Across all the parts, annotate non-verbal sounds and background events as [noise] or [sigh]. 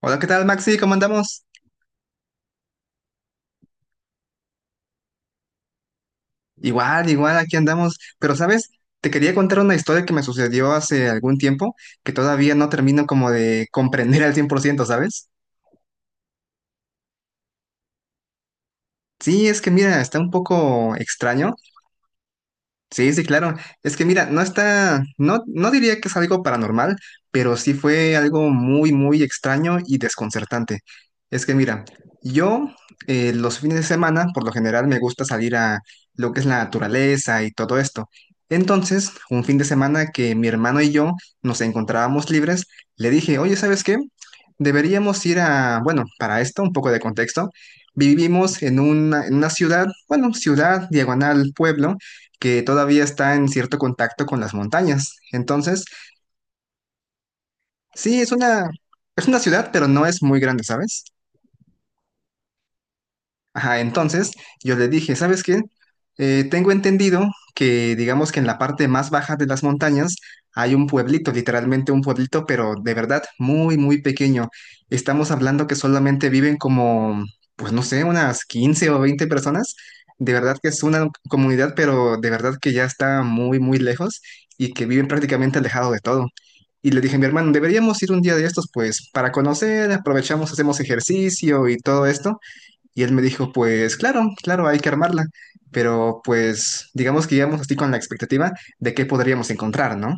Hola, ¿qué tal, Maxi? ¿Cómo andamos? Igual, igual, aquí andamos. Pero, ¿sabes? Te quería contar una historia que me sucedió hace algún tiempo que todavía no termino como de [laughs] comprender al 100%, ¿sabes? Sí, es que mira, está un poco extraño. Sí, sí, claro. Es que mira, no diría que es algo paranormal, pero sí fue algo muy, muy extraño y desconcertante. Es que mira, yo los fines de semana, por lo general, me gusta salir a lo que es la naturaleza y todo esto. Entonces, un fin de semana que mi hermano y yo nos encontrábamos libres, le dije, oye, ¿sabes qué? Deberíamos ir a, bueno, para esto, un poco de contexto. Vivimos en una ciudad, bueno, ciudad, diagonal, pueblo que todavía está en cierto contacto con las montañas. Entonces, sí, es una ciudad, pero no es muy grande, ¿sabes? Ajá, entonces yo le dije, ¿sabes qué? Tengo entendido que digamos que en la parte más baja de las montañas hay un pueblito, literalmente un pueblito, pero de verdad muy, muy pequeño. Estamos hablando que solamente viven como, pues no sé, unas 15 o 20 personas. De verdad que es una comunidad, pero de verdad que ya está muy, muy lejos y que viven prácticamente alejado de todo. Y le dije a mi hermano, deberíamos ir un día de estos, pues, para conocer, aprovechamos, hacemos ejercicio y todo esto. Y él me dijo, pues claro, claro, hay que armarla, pero pues digamos que íbamos así con la expectativa de qué podríamos encontrar, ¿no?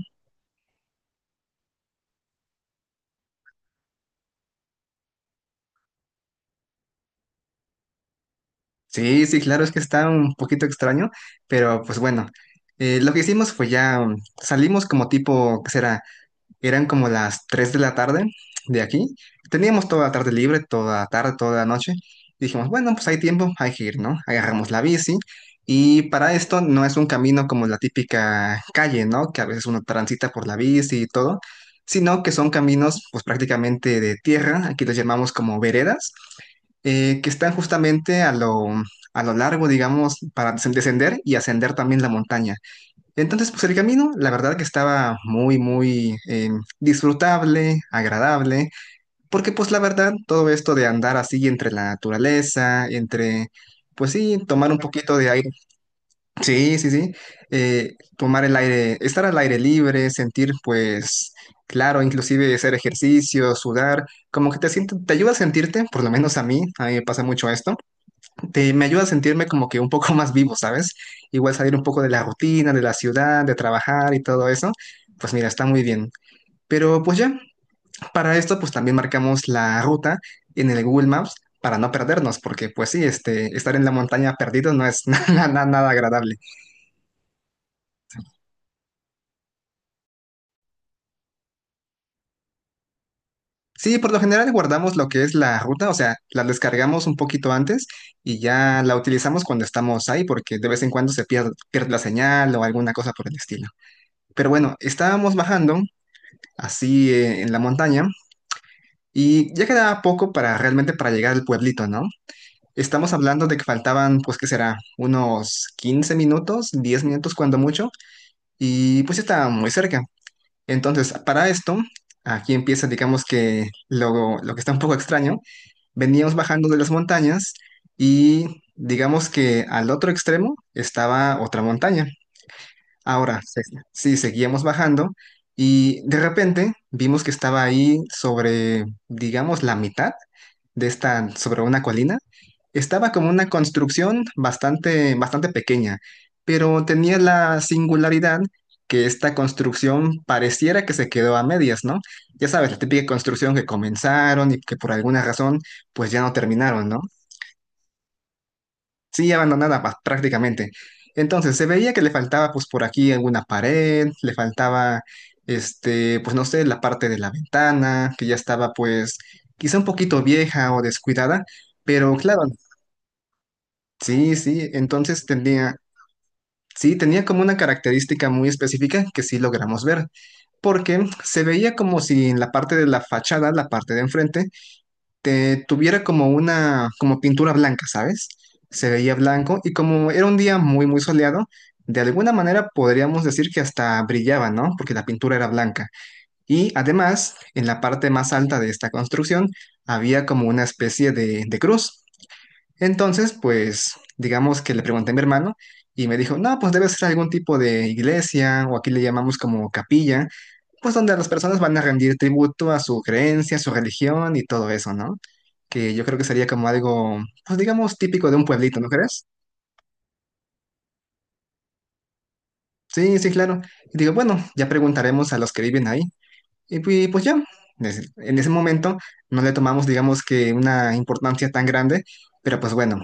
Sí, sí, claro, es que está un poquito extraño, pero pues bueno, lo que hicimos fue ya, salimos como tipo, ¿qué será? Eran como las 3 de la tarde de aquí. Teníamos toda la tarde libre, toda la tarde, toda la noche. Dijimos, bueno, pues hay tiempo, hay que ir, ¿no? Agarramos la bici. Y para esto no es un camino como la típica calle, ¿no? Que a veces uno transita por la bici y todo, sino que son caminos pues prácticamente de tierra, aquí los llamamos como veredas, que están justamente a lo largo, digamos, para descender y ascender también la montaña. Entonces, pues el camino, la verdad que estaba muy, muy disfrutable, agradable, porque pues la verdad, todo esto de andar así entre la naturaleza, entre, pues sí, tomar un poquito de aire, sí, sí, sí, tomar el aire, estar al aire libre, sentir pues, claro, inclusive hacer ejercicio, sudar, como que te siente, te ayuda a sentirte, por lo menos a mí me pasa mucho esto. Me ayuda a sentirme como que un poco [laughs] más vivo, ¿sabes? Igual salir un poco de la rutina, de la ciudad, de trabajar y todo eso, pues mira, está muy bien. Pero pues ya, para esto pues también marcamos la ruta en el Google Maps para no perdernos, porque pues sí, este, estar en la montaña perdido no es [laughs] nada, nada nada agradable. Sí, por lo general guardamos lo que es la ruta, o sea, la descargamos un poquito antes y ya la utilizamos cuando estamos ahí, porque de vez en cuando se pierde, pierde la señal o alguna cosa por el estilo. Pero bueno, estábamos bajando así, en la montaña. Y ya quedaba poco para realmente para llegar al pueblito, ¿no? Estamos hablando de que faltaban, pues, ¿qué será? Unos 15 minutos, 10 minutos cuando mucho, y pues ya estaba muy cerca. Entonces, para esto, aquí empieza, digamos que lo que está un poco extraño. Veníamos bajando de las montañas y digamos que al otro extremo estaba otra montaña. Ahora, sí, seguíamos bajando y de repente vimos que estaba ahí sobre, digamos, la mitad de esta, sobre una colina. Estaba como una construcción bastante, bastante pequeña, pero tenía la singularidad que esta construcción pareciera que se quedó a medias, ¿no? Ya sabes, la típica construcción que comenzaron y que por alguna razón pues ya no terminaron, ¿no? Sí, abandonada prácticamente. Entonces, se veía que le faltaba pues por aquí alguna pared, le faltaba este, pues no sé, la parte de la ventana, que ya estaba pues quizá un poquito vieja o descuidada, pero claro, sí, sí, entonces tenía como una característica muy específica que sí logramos ver, porque se veía como si en la parte de la fachada, la parte de enfrente, tuviera como una, como pintura blanca, ¿sabes? Se veía blanco y como era un día muy, muy soleado, de alguna manera podríamos decir que hasta brillaba, ¿no? Porque la pintura era blanca. Y además, en la parte más alta de esta construcción había como una especie de cruz. Entonces, pues, digamos que le pregunté a mi hermano y me dijo, no, pues debe ser algún tipo de iglesia o aquí le llamamos como capilla, pues donde las personas van a rendir tributo a su creencia, a su religión y todo eso, ¿no? Que yo creo que sería como algo, pues digamos, típico de un pueblito, ¿no crees? Sí, sí, claro. Y digo, bueno, ya preguntaremos a los que viven ahí. Y pues, ya, en ese momento no le tomamos, digamos, que una importancia tan grande, pero pues bueno,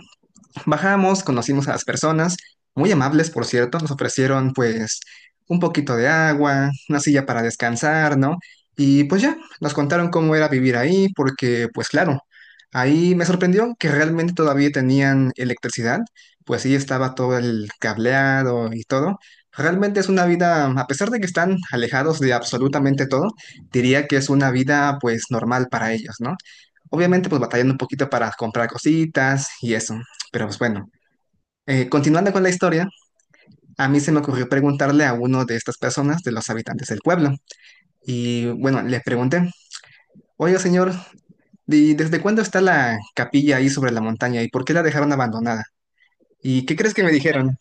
bajamos, conocimos a las personas, muy amables, por cierto, nos ofrecieron pues un poquito de agua, una silla para descansar, ¿no? Y pues ya, nos contaron cómo era vivir ahí, porque pues claro, ahí me sorprendió que realmente todavía tenían electricidad, pues sí estaba todo el cableado y todo. Realmente es una vida, a pesar de que están alejados de absolutamente todo, diría que es una vida pues normal para ellos, ¿no? Obviamente pues batallando un poquito para comprar cositas y eso. Pero pues bueno, continuando con la historia, a mí se me ocurrió preguntarle a uno de estas personas, de los habitantes del pueblo. Y bueno, le pregunté, oye señor, ¿y desde cuándo está la capilla ahí sobre la montaña y por qué la dejaron abandonada? ¿Y qué crees que me dijeron?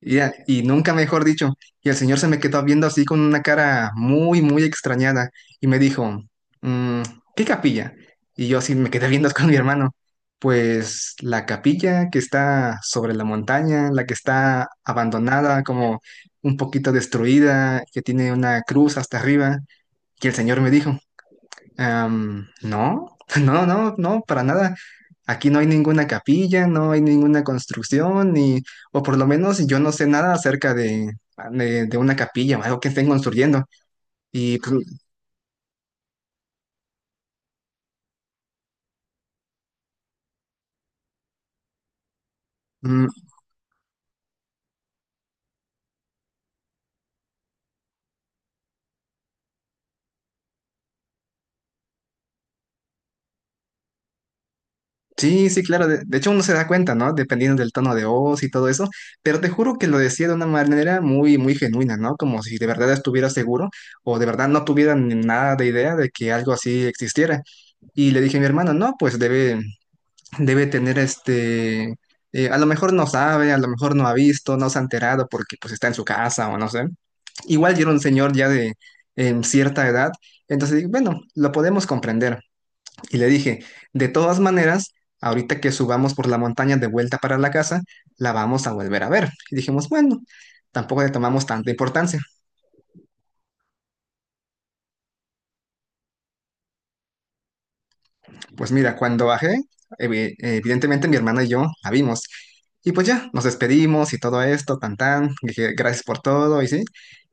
Y nunca mejor dicho. Y el señor se me quedó viendo así con una cara muy, muy extrañada y me dijo, "Mm, ¿qué capilla?" Y yo así me quedé viendo [laughs] con mi hermano. Pues la capilla que está sobre la montaña, la que está abandonada, como un poquito destruida, que tiene una cruz hasta arriba. Y el señor me dijo, "Am, no, [laughs] no, no, no, para nada. Aquí no hay ninguna capilla, no hay ninguna construcción, ni, o por lo menos yo no sé nada acerca de, una capilla o algo que estén construyendo." Y pues, mm, sí, sí, claro, de hecho uno se da cuenta, ¿no? Dependiendo del tono de voz y todo eso, pero te juro que lo decía de una manera muy, muy genuina, ¿no? Como si de verdad estuviera seguro o de verdad no tuviera ni nada de idea de que algo así existiera. Y le dije a mi hermano, no, pues debe tener este, a lo mejor no sabe, a lo mejor no ha visto, no se ha enterado porque pues está en su casa o no sé. Igual yo era un señor ya de cierta edad, entonces dije, bueno, lo podemos comprender. Y le dije, de todas maneras, ahorita que subamos por la montaña de vuelta para la casa, la vamos a volver a ver. Y dijimos, bueno, tampoco le tomamos tanta importancia. Pues mira, cuando bajé, evidentemente mi hermana y yo la vimos. Y pues ya, nos despedimos y todo esto, tan tan, dije gracias por todo y sí.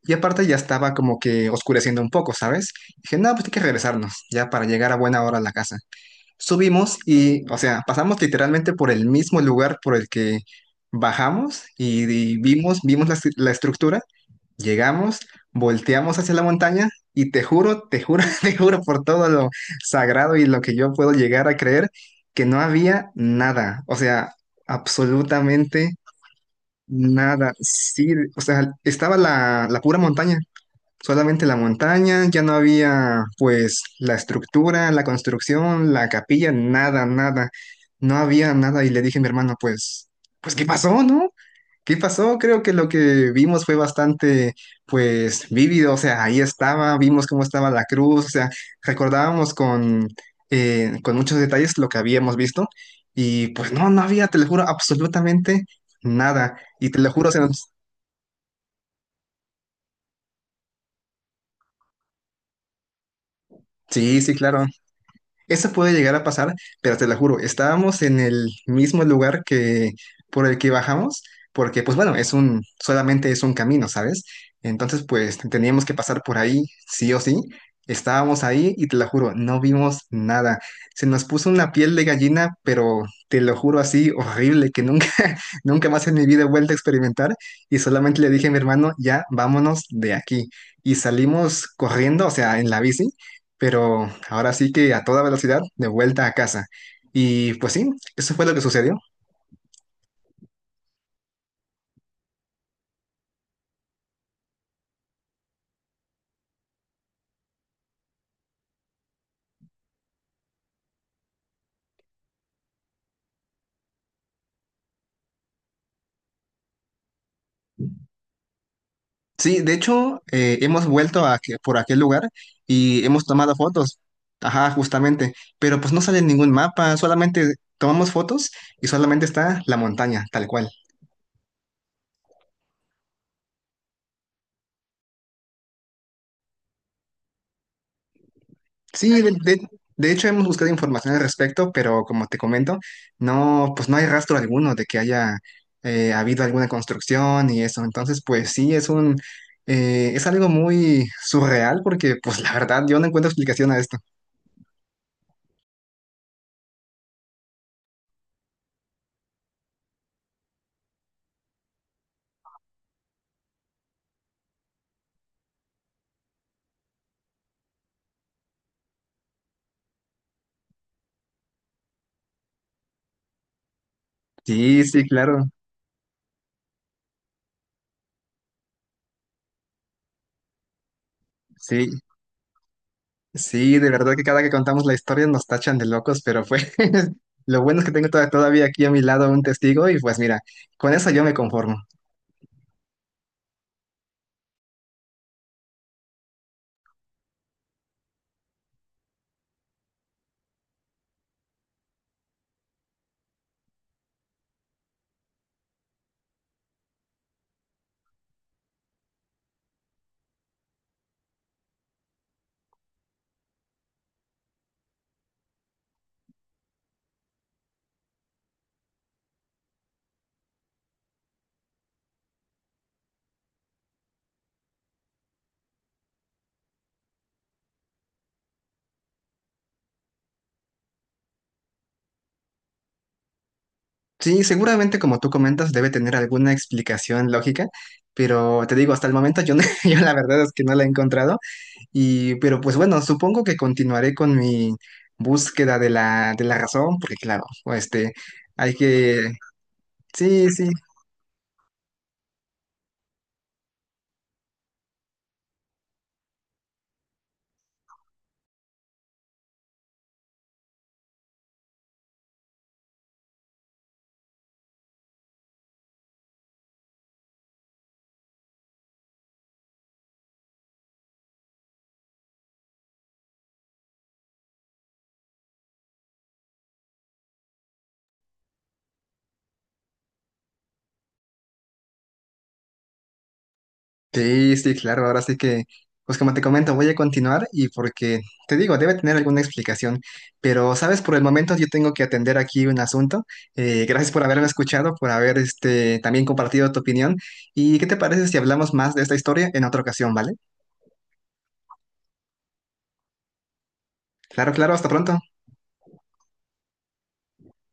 Y aparte ya estaba como que oscureciendo un poco, ¿sabes? Dije, no, pues hay que regresarnos, ya para llegar a buena hora a la casa. Subimos y, o sea, pasamos literalmente por el mismo lugar por el que bajamos y vimos, vimos la estructura. Llegamos, volteamos hacia la montaña y te juro, [laughs] te juro por todo lo sagrado y lo que yo puedo llegar a creer, que no había nada, o sea, absolutamente nada. Sí, o sea, estaba la pura montaña, solamente la montaña, ya no había pues la estructura, la construcción, la capilla, nada, nada. No había nada y le dije a mi hermano, pues, ¿qué pasó, no? ¿Qué pasó? Creo que lo que vimos fue bastante, pues, vívido, o sea, ahí estaba, vimos cómo estaba la cruz, o sea, recordábamos con muchos detalles lo que habíamos visto y pues no, no había, te lo juro, absolutamente nada. Y te lo juro, o sea, sí, sí, claro. Eso puede llegar a pasar, pero te lo juro, estábamos en el mismo lugar que por el que bajamos, porque pues bueno, es un, solamente es un camino, ¿sabes? Entonces pues teníamos que pasar por ahí, sí o sí. Estábamos ahí y te lo juro, no vimos nada. Se nos puso una piel de gallina, pero te lo juro así, horrible, que nunca, [laughs] nunca más en mi vida he vuelto a experimentar. Y solamente le dije a mi hermano, ya, vámonos de aquí. Y salimos corriendo, o sea, en la bici pero ahora sí que a toda velocidad, de vuelta a casa. Y pues sí, eso fue lo que sucedió. Sí, de hecho, hemos vuelto por aquel lugar y hemos tomado fotos. Ajá, justamente. Pero pues no sale ningún mapa, solamente tomamos fotos y solamente está la montaña, tal cual. Sí, de hecho hemos buscado información al respecto, pero como te comento, no, pues no hay rastro alguno de que haya habido alguna construcción y eso. Entonces, pues sí, es algo muy surreal porque, pues la verdad, yo no encuentro explicación a esto. Sí, sí, claro, sí, sí, de verdad que cada que contamos la historia nos tachan de locos, pero pues [laughs] lo bueno es que tengo todavía aquí a mi lado un testigo y pues mira, con eso yo me conformo. Sí, seguramente como tú comentas debe tener alguna explicación lógica, pero te digo, hasta el momento, yo, no- [laughs] yo la verdad es que no la he encontrado y pero pues bueno, supongo que continuaré con mi búsqueda de la razón, porque claro, este, hay que, sí, sí. Sí, sí, claro, ahora sí que, pues como te comento, voy a continuar y porque, te digo, debe tener alguna explicación, pero sabes, por el momento yo tengo que atender aquí un asunto. Gracias por haberme escuchado, por haber este, también compartido tu opinión. ¿Y qué te parece si hablamos más de esta historia en otra ocasión, vale? Claro, claro, hasta pronto.